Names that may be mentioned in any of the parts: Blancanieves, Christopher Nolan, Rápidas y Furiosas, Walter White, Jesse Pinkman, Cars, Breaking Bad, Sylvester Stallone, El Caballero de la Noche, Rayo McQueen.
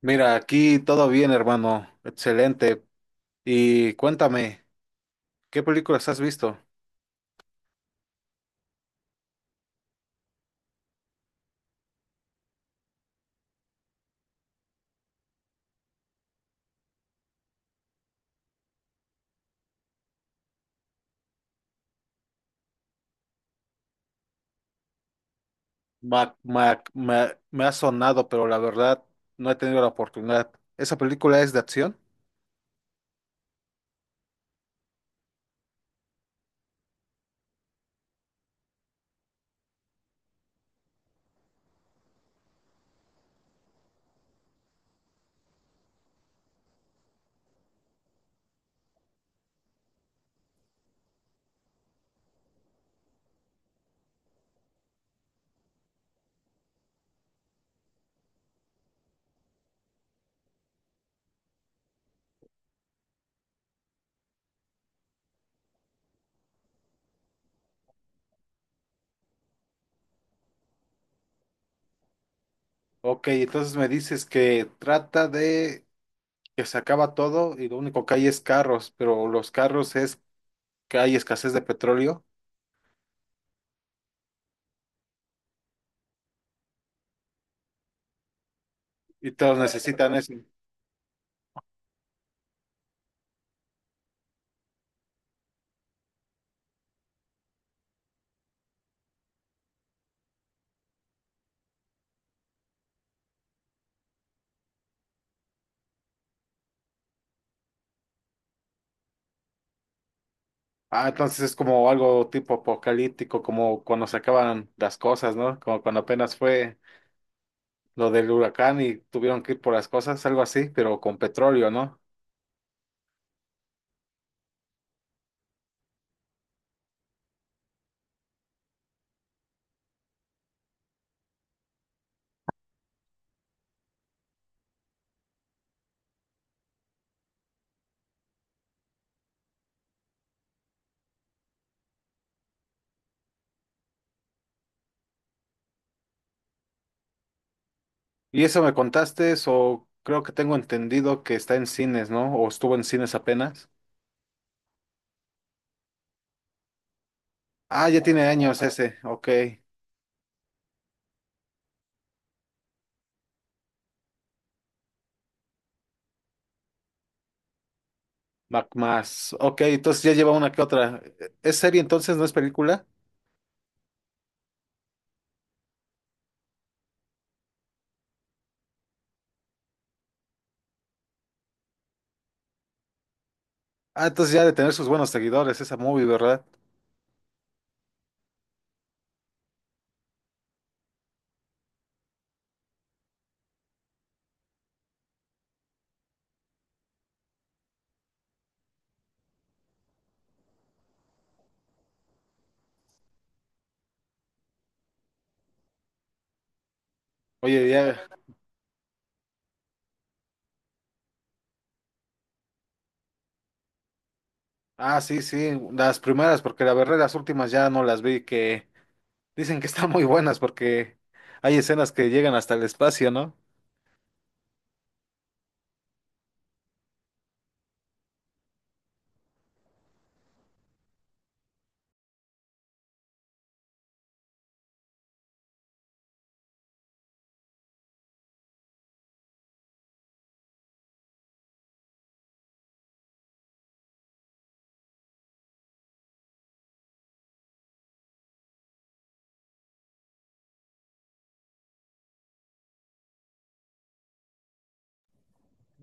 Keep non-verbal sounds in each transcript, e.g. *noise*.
Mira, aquí todo bien, hermano. Excelente. Y cuéntame, ¿qué películas has visto? Me ha sonado, pero la verdad no he tenido la oportunidad. ¿Esa película es de acción? Ok, entonces me dices que trata de que se acaba todo y lo único que hay es carros, pero los carros es que hay escasez de petróleo y todos necesitan eso. Ah, entonces es como algo tipo apocalíptico, como cuando se acaban las cosas, ¿no? Como cuando apenas fue lo del huracán y tuvieron que ir por las cosas, algo así, pero con petróleo, ¿no? Y eso me contaste, o creo que tengo entendido que está en cines, ¿no? O estuvo en cines apenas. Ah, ya tiene años ese, ok. Mac más. Ok, entonces ya lleva una que otra. ¿Es serie entonces, no es película? Ah, entonces ya ha de tener sus buenos seguidores, esa movie, ¿verdad? Oye, ya. Ah, sí, sí, las primeras, porque la verdad las últimas ya no las vi, que dicen que están muy buenas porque hay escenas que llegan hasta el espacio, ¿no?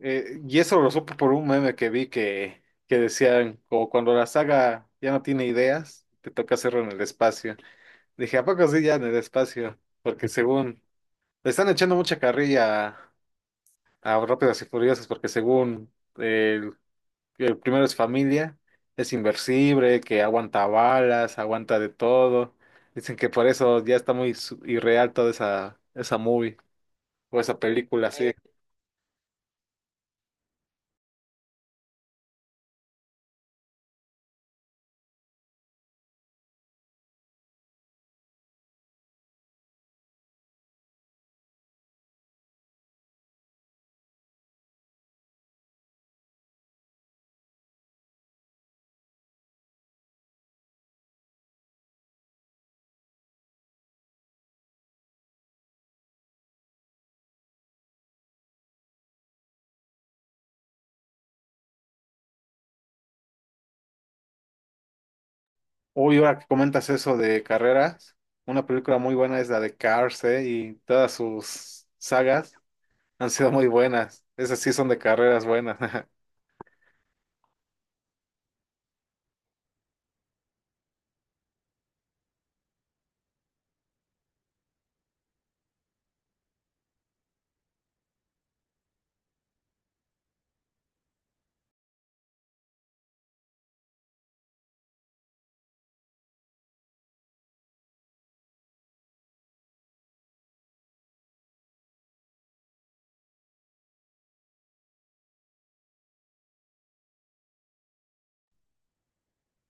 Y eso lo supe por un meme que vi que decían, o cuando la saga ya no tiene ideas, te toca hacerlo en el espacio. Dije, ¿a poco sí ya en el espacio? Porque según, le están echando mucha carrilla a Rápidas y Furiosas, porque según el, el primero es familia, es inversible, que aguanta balas, aguanta de todo. Dicen que por eso ya está muy irreal toda esa, esa movie o esa película así. Uy, ahora que comentas eso de carreras, una película muy buena es la de Cars, ¿eh? Y todas sus sagas han sido muy buenas. Esas sí son de carreras buenas. *laughs*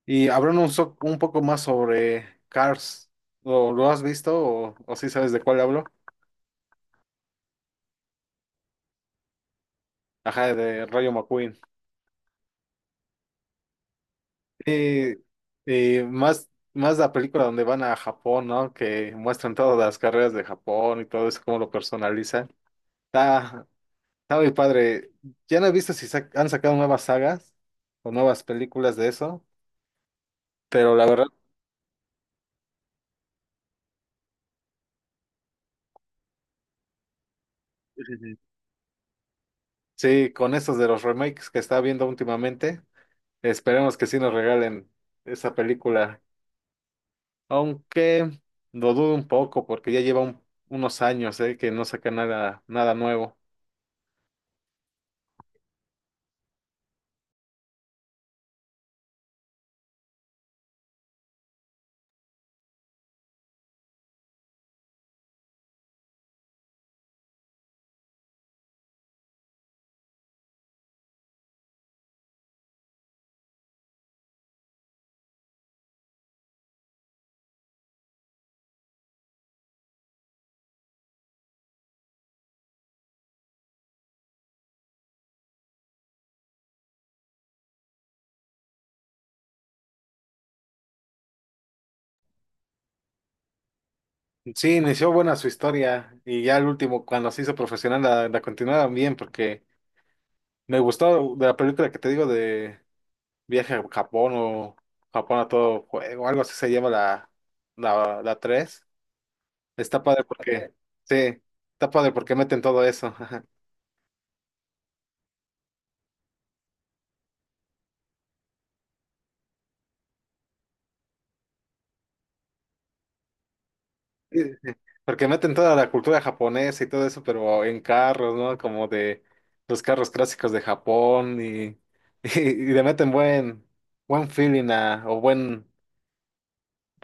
Y hablando un, un poco más sobre Cars, ¿ lo has visto o sí sabes de cuál hablo? Ajá, de Rayo McQueen. Y, y más, más la película donde van a Japón, ¿no? Que muestran todas las carreras de Japón y todo eso, cómo lo personalizan. Está, Está muy padre. Ya no he visto si han sacado nuevas sagas o nuevas películas de eso, pero la verdad, *laughs* sí, con estos de los remakes que está viendo últimamente, esperemos que sí nos regalen esa película. Aunque lo dudo un poco porque ya lleva unos años, que no saca nada, nada nuevo. Sí, inició buena su historia y ya el último, cuando se hizo profesional, la continuaron bien porque me gustó de la película que te digo Viaje a Japón o Japón a todo juego, algo así se llama la tres. Está padre porque, sí, está padre porque meten todo eso. *laughs* Sí, sí, sí. Porque meten toda la cultura japonesa y todo eso, pero en carros, ¿no? Como de los carros clásicos de Japón y, *laughs* y le meten buen, buen feeling a, o buen,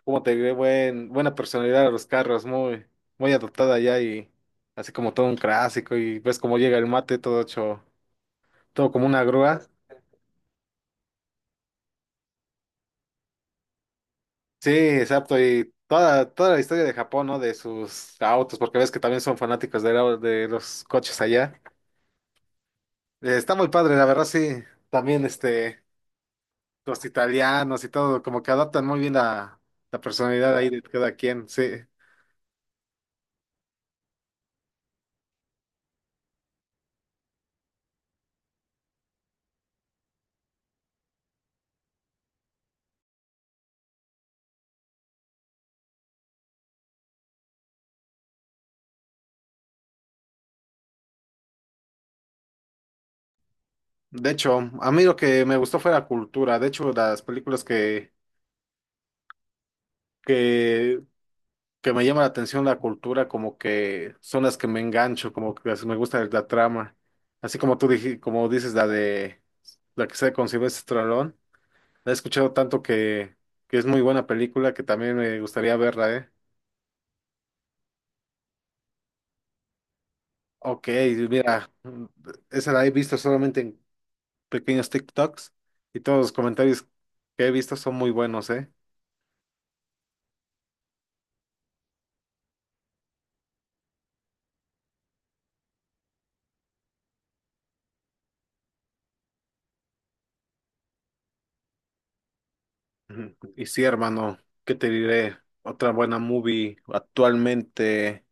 ¿cómo te diré? Buen, buena personalidad a los carros, muy, muy adoptada ya y así como todo un clásico y ves cómo llega el mate todo hecho, todo como una grúa. Sí, exacto, y toda, toda la historia de Japón, ¿no? De sus autos, porque ves que también son fanáticos de, de los coches allá. Está muy padre, la verdad, sí. También, este, los italianos y todo, como que adaptan muy bien la personalidad ahí de cada quien, sí. De hecho, a mí lo que me gustó fue la cultura. De hecho, las películas que que me llama la atención la cultura, como que son las que me engancho, como que me gusta la trama. Así como como dices, la de la que se con Sylvester Stallone, la he escuchado tanto que es muy buena película que también me gustaría verla, ¿eh? Ok, mira, esa la he visto solamente en pequeños TikToks y todos los comentarios que he visto son muy buenos, ¿eh? Ujú. Y sí, hermano, ¿qué te diré? Otra buena movie actualmente.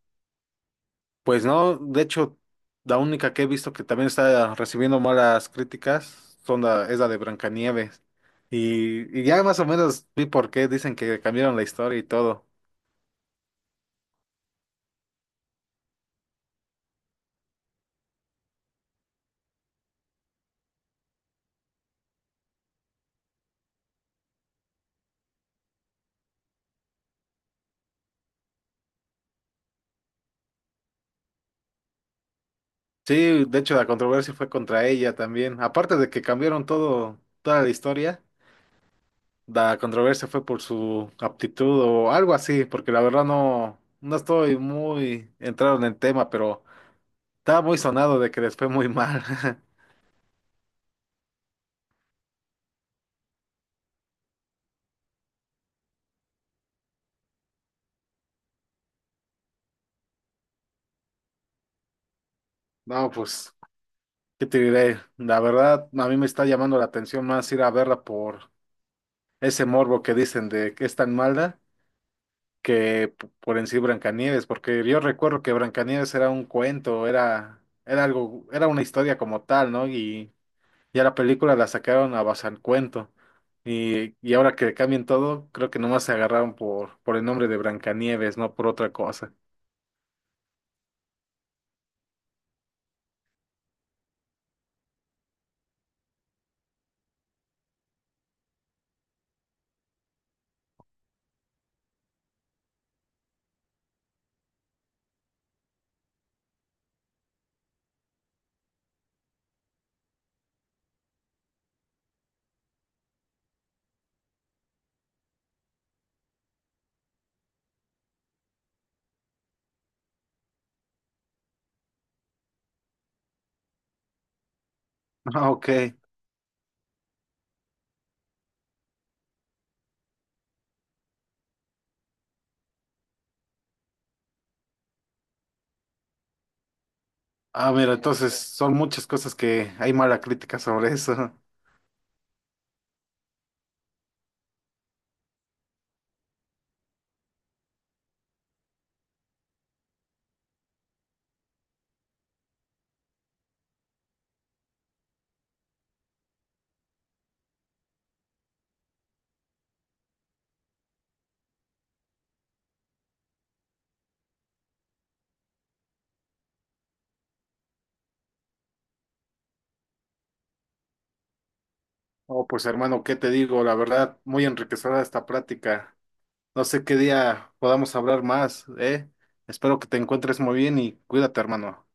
Pues no, de hecho, la única que he visto que también está recibiendo malas críticas son la, es la de Blancanieves. Y ya más o menos vi por qué dicen que cambiaron la historia y todo. Sí, de hecho la controversia fue contra ella también. Aparte de que cambiaron todo, toda la historia, la controversia fue por su aptitud o algo así, porque la verdad no, no estoy muy entrado en el tema, pero estaba muy sonado de que les fue muy mal. *laughs* No, pues. ¿Qué te diré? La verdad, a mí me está llamando la atención más ir a verla por ese morbo que dicen de que es tan mala que por en sí Blancanieves, porque yo recuerdo que Blancanieves era un cuento, era algo, era una historia como tal, ¿no? Y ya la película la sacaron a base del cuento. Y ahora que cambien todo, creo que nomás se agarraron por el nombre de Blancanieves, no por otra cosa. *laughs* Ah, ok. Ah, mira, entonces son muchas cosas que hay mala crítica sobre eso. Oh, pues hermano, ¿qué te digo? La verdad, muy enriquecedora esta práctica. No sé qué día podamos hablar más, ¿eh? Espero que te encuentres muy bien y cuídate, hermano.